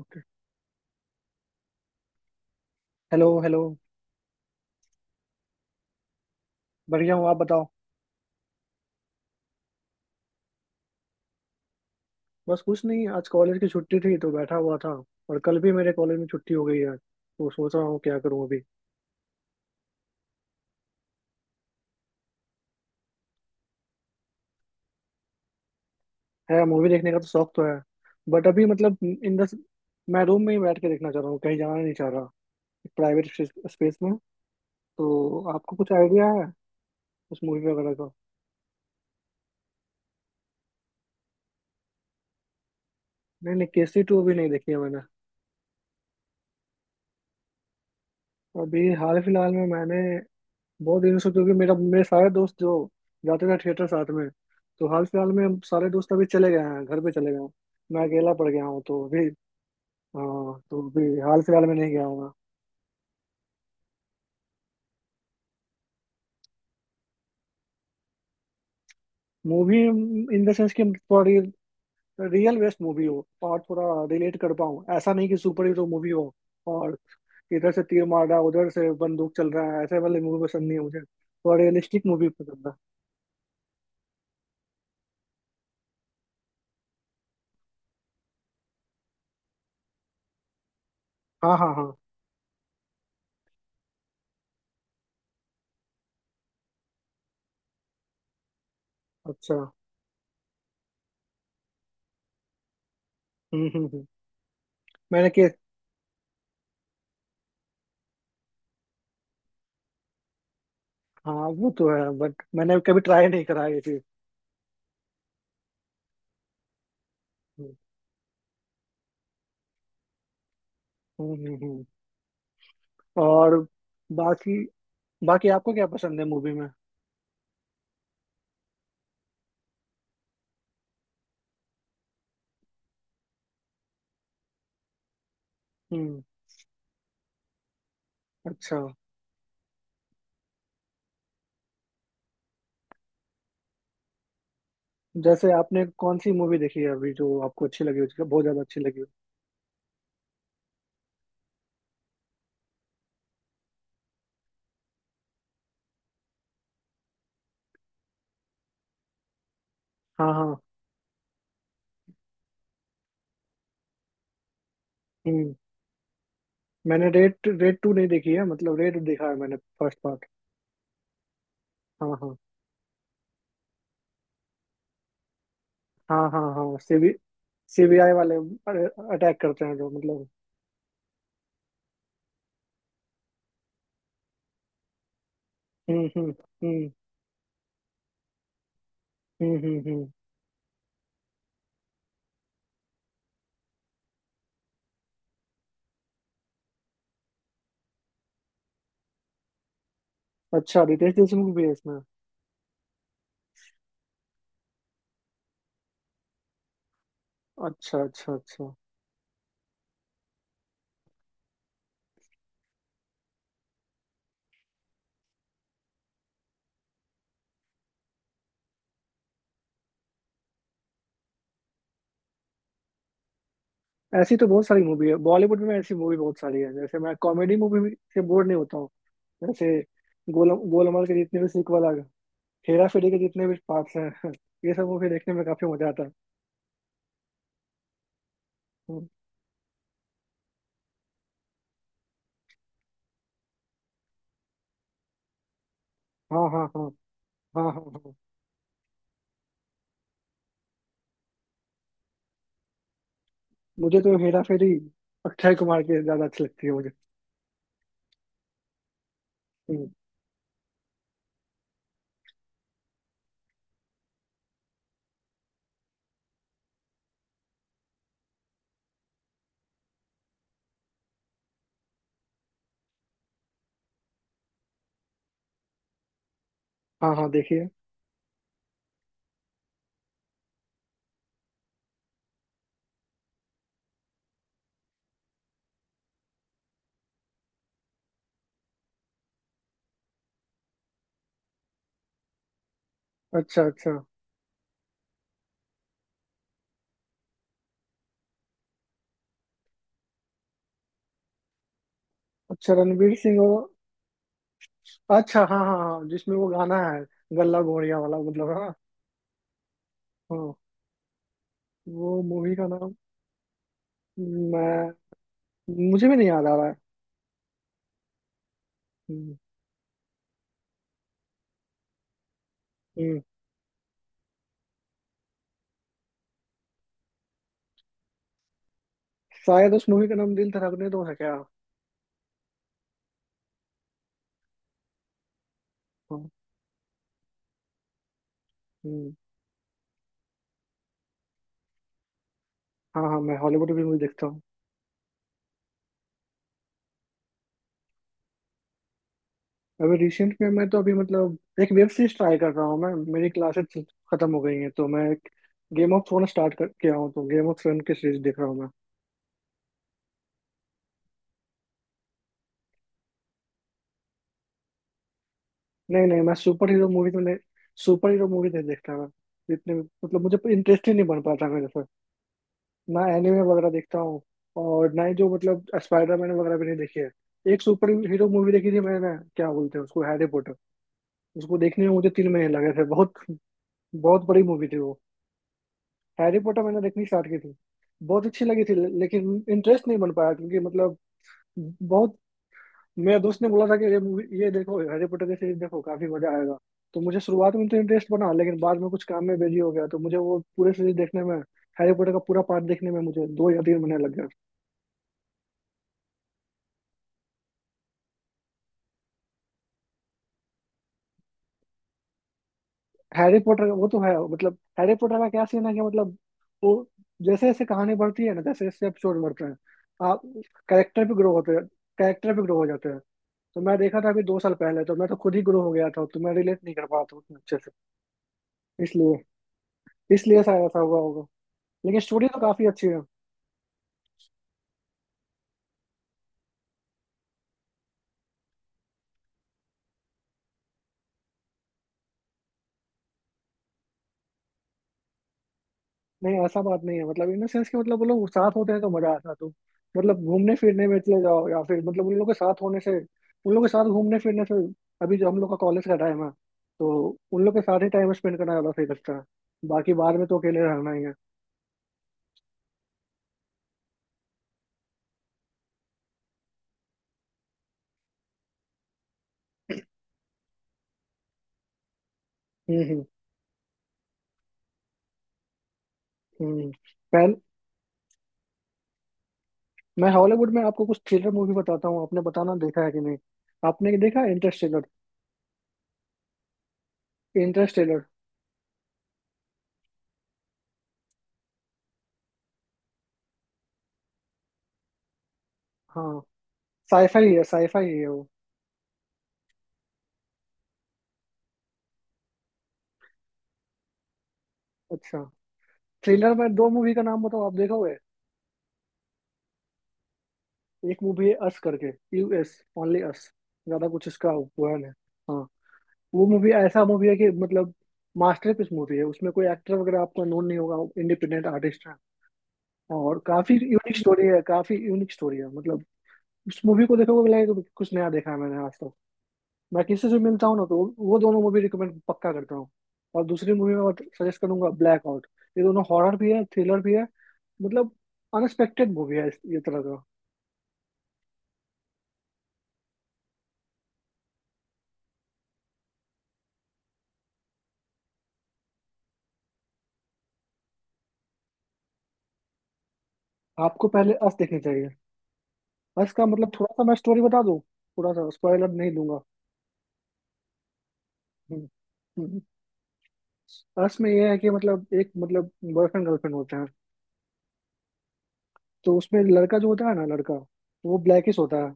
Okay. Hello hello. बढ़िया हूँ, आप बताओ। बस कुछ नहीं, आज कॉलेज की छुट्टी थी तो बैठा हुआ था। और कल भी मेरे कॉलेज में छुट्टी हो गई है तो सोच रहा हूँ क्या करूँ अभी। है, मूवी देखने का तो शौक तो है, बट अभी मतलब इन द मैं रूम में ही बैठ के देखना चाह रहा हूँ, कहीं जाना नहीं चाह रहा। प्राइवेट स्पेस में। तो आपको कुछ आइडिया है उस मूवी वगैरह का? नहीं नहीं, केसी टू अभी नहीं देखी है मैंने। अभी हाल फिलहाल में मैंने बहुत दिनों से क्योंकि मेरा मेरे सारे दोस्त जो जाते थे थिएटर साथ में, तो हाल फिलहाल में हम सारे दोस्त अभी चले गए हैं, घर पे चले गए हैं। मैं अकेला पड़ गया हूँ तो अभी। हाँ, तो अभी हाल फिलहाल में नहीं गया हूँ मैं। मूवी इन द सेंस कि थोड़ा रियल बेस्ड मूवी हो और थोड़ा रिलेट कर पाऊँ। ऐसा नहीं कि सुपर हीरो मूवी हो और इधर से तीर मार रहा है उधर से बंदूक चल रहा है, ऐसे वाली मूवी पसंद नहीं है मुझे। थोड़ा रियलिस्टिक मूवी पसंद है। हाँ हाँ हाँ। अच्छा। हम्म। मैंने के हाँ वो तो है, बट मैंने कभी ट्राई नहीं करा ये चीज। हम्म। हम्म, हम्म। और बाकी, बाकी आपको क्या पसंद है मूवी में? हम्म। अच्छा, जैसे आपने कौन सी मूवी देखी है अभी जो आपको अच्छी लगी हो, जो बहुत ज्यादा अच्छी लगी हो? हाँ हाँ। हम्म। मैंने रेड, रेड टू नहीं देखी है, मतलब रेड देखा है मैंने, फर्स्ट पार्ट। हाँ हाँ। हाँ हाँ हाँ, सीबीआई वाले अटैक करते हैं जो मतलब। हम्म। हम्म। हम्म हम्म हम्म। अच्छा, रितेश देशमुख भी है इसमें? अच्छा अच्छा अच्छा। ऐसी तो बहुत सारी मूवी है, बॉलीवुड में ऐसी मूवी बहुत सारी है। जैसे मैं कॉमेडी मूवी से बोर नहीं होता हूँ। जैसे गोलम गोलमाल के जितने भी सीक्वल आ गए, हेरा फेरी के जितने भी पार्ट्स हैं ये सब मूवी देखने में काफी मजा आता है। हम्म, हाँ हाँ हाँ। हाँ हाँ हाँ। मुझे तो हेरा फेरी, अक्षय कुमार की ज्यादा अच्छी लगती है मुझे। हम्म, हाँ हाँ देखिए। अच्छा अच्छा अच्छा रणवीर सिंह और, अच्छा हाँ हाँ हाँ, जिसमें वो गाना है गल्ला गोरिया वाला, मतलब हाँ। हाँ। वो मूवी का नाम, मैं, मुझे भी नहीं याद आ रहा है। हम्म, हम्म। शायद उस मूवी का नाम दिल धड़कने दो है क्या? हाँ। हम्म, हाँ हाँ मैं हॉलीवुड की मूवी देखता हूँ। अभी रिसेंट में मैं तो अभी मतलब एक वेब सीरीज ट्राई कर रहा हूँ मैं। मेरी क्लासेस खत्म हो गई हैं तो मैं एक गेम ऑफ थ्रोन स्टार्ट कर किया हूँ, तो गेम ऑफ थ्रोन की सीरीज देख रहा हूँ मैं। नहीं नहीं, मैं सुपर हीरो मूवी तो नहीं, सुपर हीरो मूवी नहीं देखता मैं। इतने मतलब मुझे इंटरेस्ट ही नहीं बन पाता मेरे से। ना एनिमे वगैरह देखता हूँ और ना ही जो मतलब स्पाइडरमैन वगैरह भी नहीं देखी है। एक सुपर हीरो मूवी देखी थी मैंने, क्या बोलते हैं उसको, हैरी, उसको देखने में मुझे 3 महीने लगे थे, बहुत बहुत बड़ी मूवी थी वो। हैरी पॉटर मैंने देखनी स्टार्ट की थी। बहुत अच्छी लगी थी लेकिन इंटरेस्ट नहीं बन पाया क्योंकि मतलब बहुत, मेरे दोस्त ने बोला था कि ये मूवी, ये देखो हैरी पॉटर की सीरीज, देखो काफी मजा आएगा। तो मुझे शुरुआत में तो इंटरेस्ट बना लेकिन बाद में कुछ काम में बिजी हो गया, तो मुझे वो पूरे सीरीज देखने में, हैरी पॉटर का पूरा पार्ट देखने में मुझे 2 या 3 महीने लग गए। हैरी पॉटर, वो तो है, मतलब हैरी पॉटर का क्या सीन है कि मतलब वो, जैसे जैसे कहानी बढ़ती है ना, जैसे जैसे एपिसोड बढ़ते हैं, आप, कैरेक्टर भी ग्रो होते हैं, कैरेक्टर भी ग्रो हो जाते हैं। तो मैं देखा था अभी 2 साल पहले, तो मैं तो खुद ही ग्रो हो गया था, तो मैं रिलेट नहीं कर पाया था उतने अच्छे से। इसलिए, इसलिए ऐसा ऐसा हुआ होगा। लेकिन स्टोरी तो काफी अच्छी है। नहीं ऐसा बात नहीं है, मतलब इन द सेंस कि मतलब वो लोग साथ होते हैं तो मजा आता है। तो मतलब घूमने फिरने में चले जाओ या फिर मतलब उन लोगों के साथ होने से, उन लोगों के साथ घूमने फिरने से, अभी जो हम लोग का कॉलेज का टाइम है तो उन लोग के साथ ही टाइम स्पेंड करना ज्यादा सही लगता है। बाकी बाद में तो अकेले रहना ही है। हम्म हम्म हम्म। पहले मैं हॉलीवुड में आपको कुछ थ्रिलर मूवी बताता हूँ, आपने बताना देखा है कि नहीं। आपने देखा इंटरस्टेलर? इंटरस्टेलर। हाँ, साईफाई है, साईफाई है वो। अच्छा। थ्रिलर में दो मूवी का नाम बताओ, आप देखोगे। एक मूवी है अस करके, यूएस, ओनली अस। ज्यादा कुछ इसका बयान है। हाँ। वो मूवी ऐसा मूवी है कि मतलब मास्टरपीस मूवी है। उसमें कोई एक्टर वगैरह आपको नोन नहीं होगा, इंडिपेंडेंट आर्टिस्ट है, और काफी यूनिक स्टोरी है, काफी यूनिक स्टोरी है। मतलब उस मूवी को देखोगे, लगेगा कि कुछ नया देखा है मैंने आज तक। मैं किसी से मिलता हूँ ना, तो वो दोनों मूवी रिकमेंड पक्का करता हूँ। और दूसरी मूवी मैं सजेस्ट करूंगा ब्लैक आउट। ये दोनों हॉरर भी है, थ्रिलर भी है। मतलब अनएक्सपेक्टेड मूवी है इस ये तरह का। आपको पहले अस देखनी चाहिए। अस का मतलब थोड़ा सा मैं स्टोरी बता दूं, थोड़ा सा स्पॉइलर नहीं दूंगा। हम्म, हम्म। अस में यह है कि मतलब एक मतलब बॉयफ्रेंड गर्लफ्रेंड होते हैं। तो उसमें लड़का जो होता है ना, लड़का वो ब्लैकिश होता है।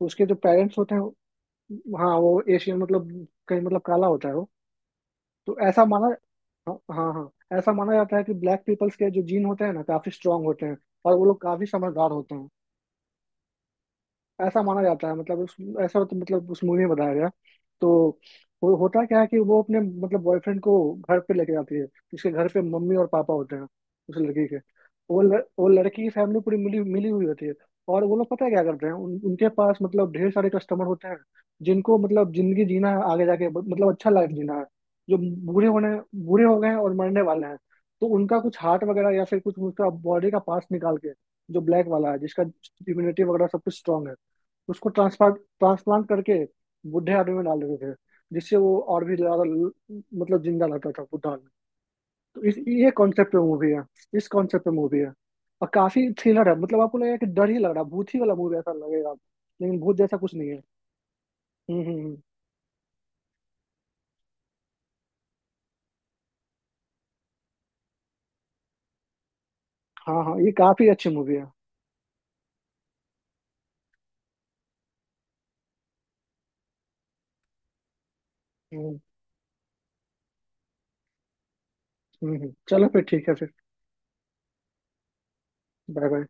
तो उसके जो पेरेंट्स होते हैं, हाँ वो एशियन, मतलब कहीं मतलब काला होता है वो। तो ऐसा माना, हाँ हाँ हाँ, ऐसा माना जाता है कि ब्लैक पीपल्स के जो जीन होते हैं ना, काफी स्ट्रांग होते हैं और वो लोग काफी समझदार होते हैं। ऐसा माना जाता है, मतलब उस, मतलब उस मूवी में बताया गया। तो वो होता क्या है कि वो अपने मतलब बॉयफ्रेंड को घर पे लेके जाती है। उसके घर पे मम्मी और पापा होते हैं, उस लड़की के। वो लड़की की फैमिली पूरी मिली मिली हुई होती है। और वो लोग पता है क्या करते हैं, उनके पास मतलब ढेर सारे कस्टमर होते हैं, जिनको मतलब जिंदगी जीना है आगे जाके, मतलब अच्छा लाइफ जीना है, जो बूढ़े होने बूढ़े हो गए हैं और मरने वाले हैं। तो उनका कुछ हार्ट वगैरह या फिर कुछ उसका बॉडी का पार्ट निकाल के, जो ब्लैक वाला है, जिसका इम्यूनिटी वगैरह सब कुछ स्ट्रांग है, उसको ट्रांसप्लांट, ट्रांसप्लांट करके बुढ़े आदमी में डाल देते थे, जिससे वो और भी ज्यादा मतलब जिंदा रहता था बुढ़ा आदमी। तो इस ये कॉन्सेप्ट पे मूवी है, इस कॉन्सेप्ट पे मूवी है। और काफी थ्रिलर है, मतलब आपको लगेगा कि डर ही लग रहा है, भूत ही वाला मूवी ऐसा लगेगा, लेकिन भूत जैसा कुछ नहीं है। हम्म हम्म हम्म। हाँ हाँ, ये काफी अच्छी मूवी है। हम्म चलो फिर ठीक है फिर। Bye bye.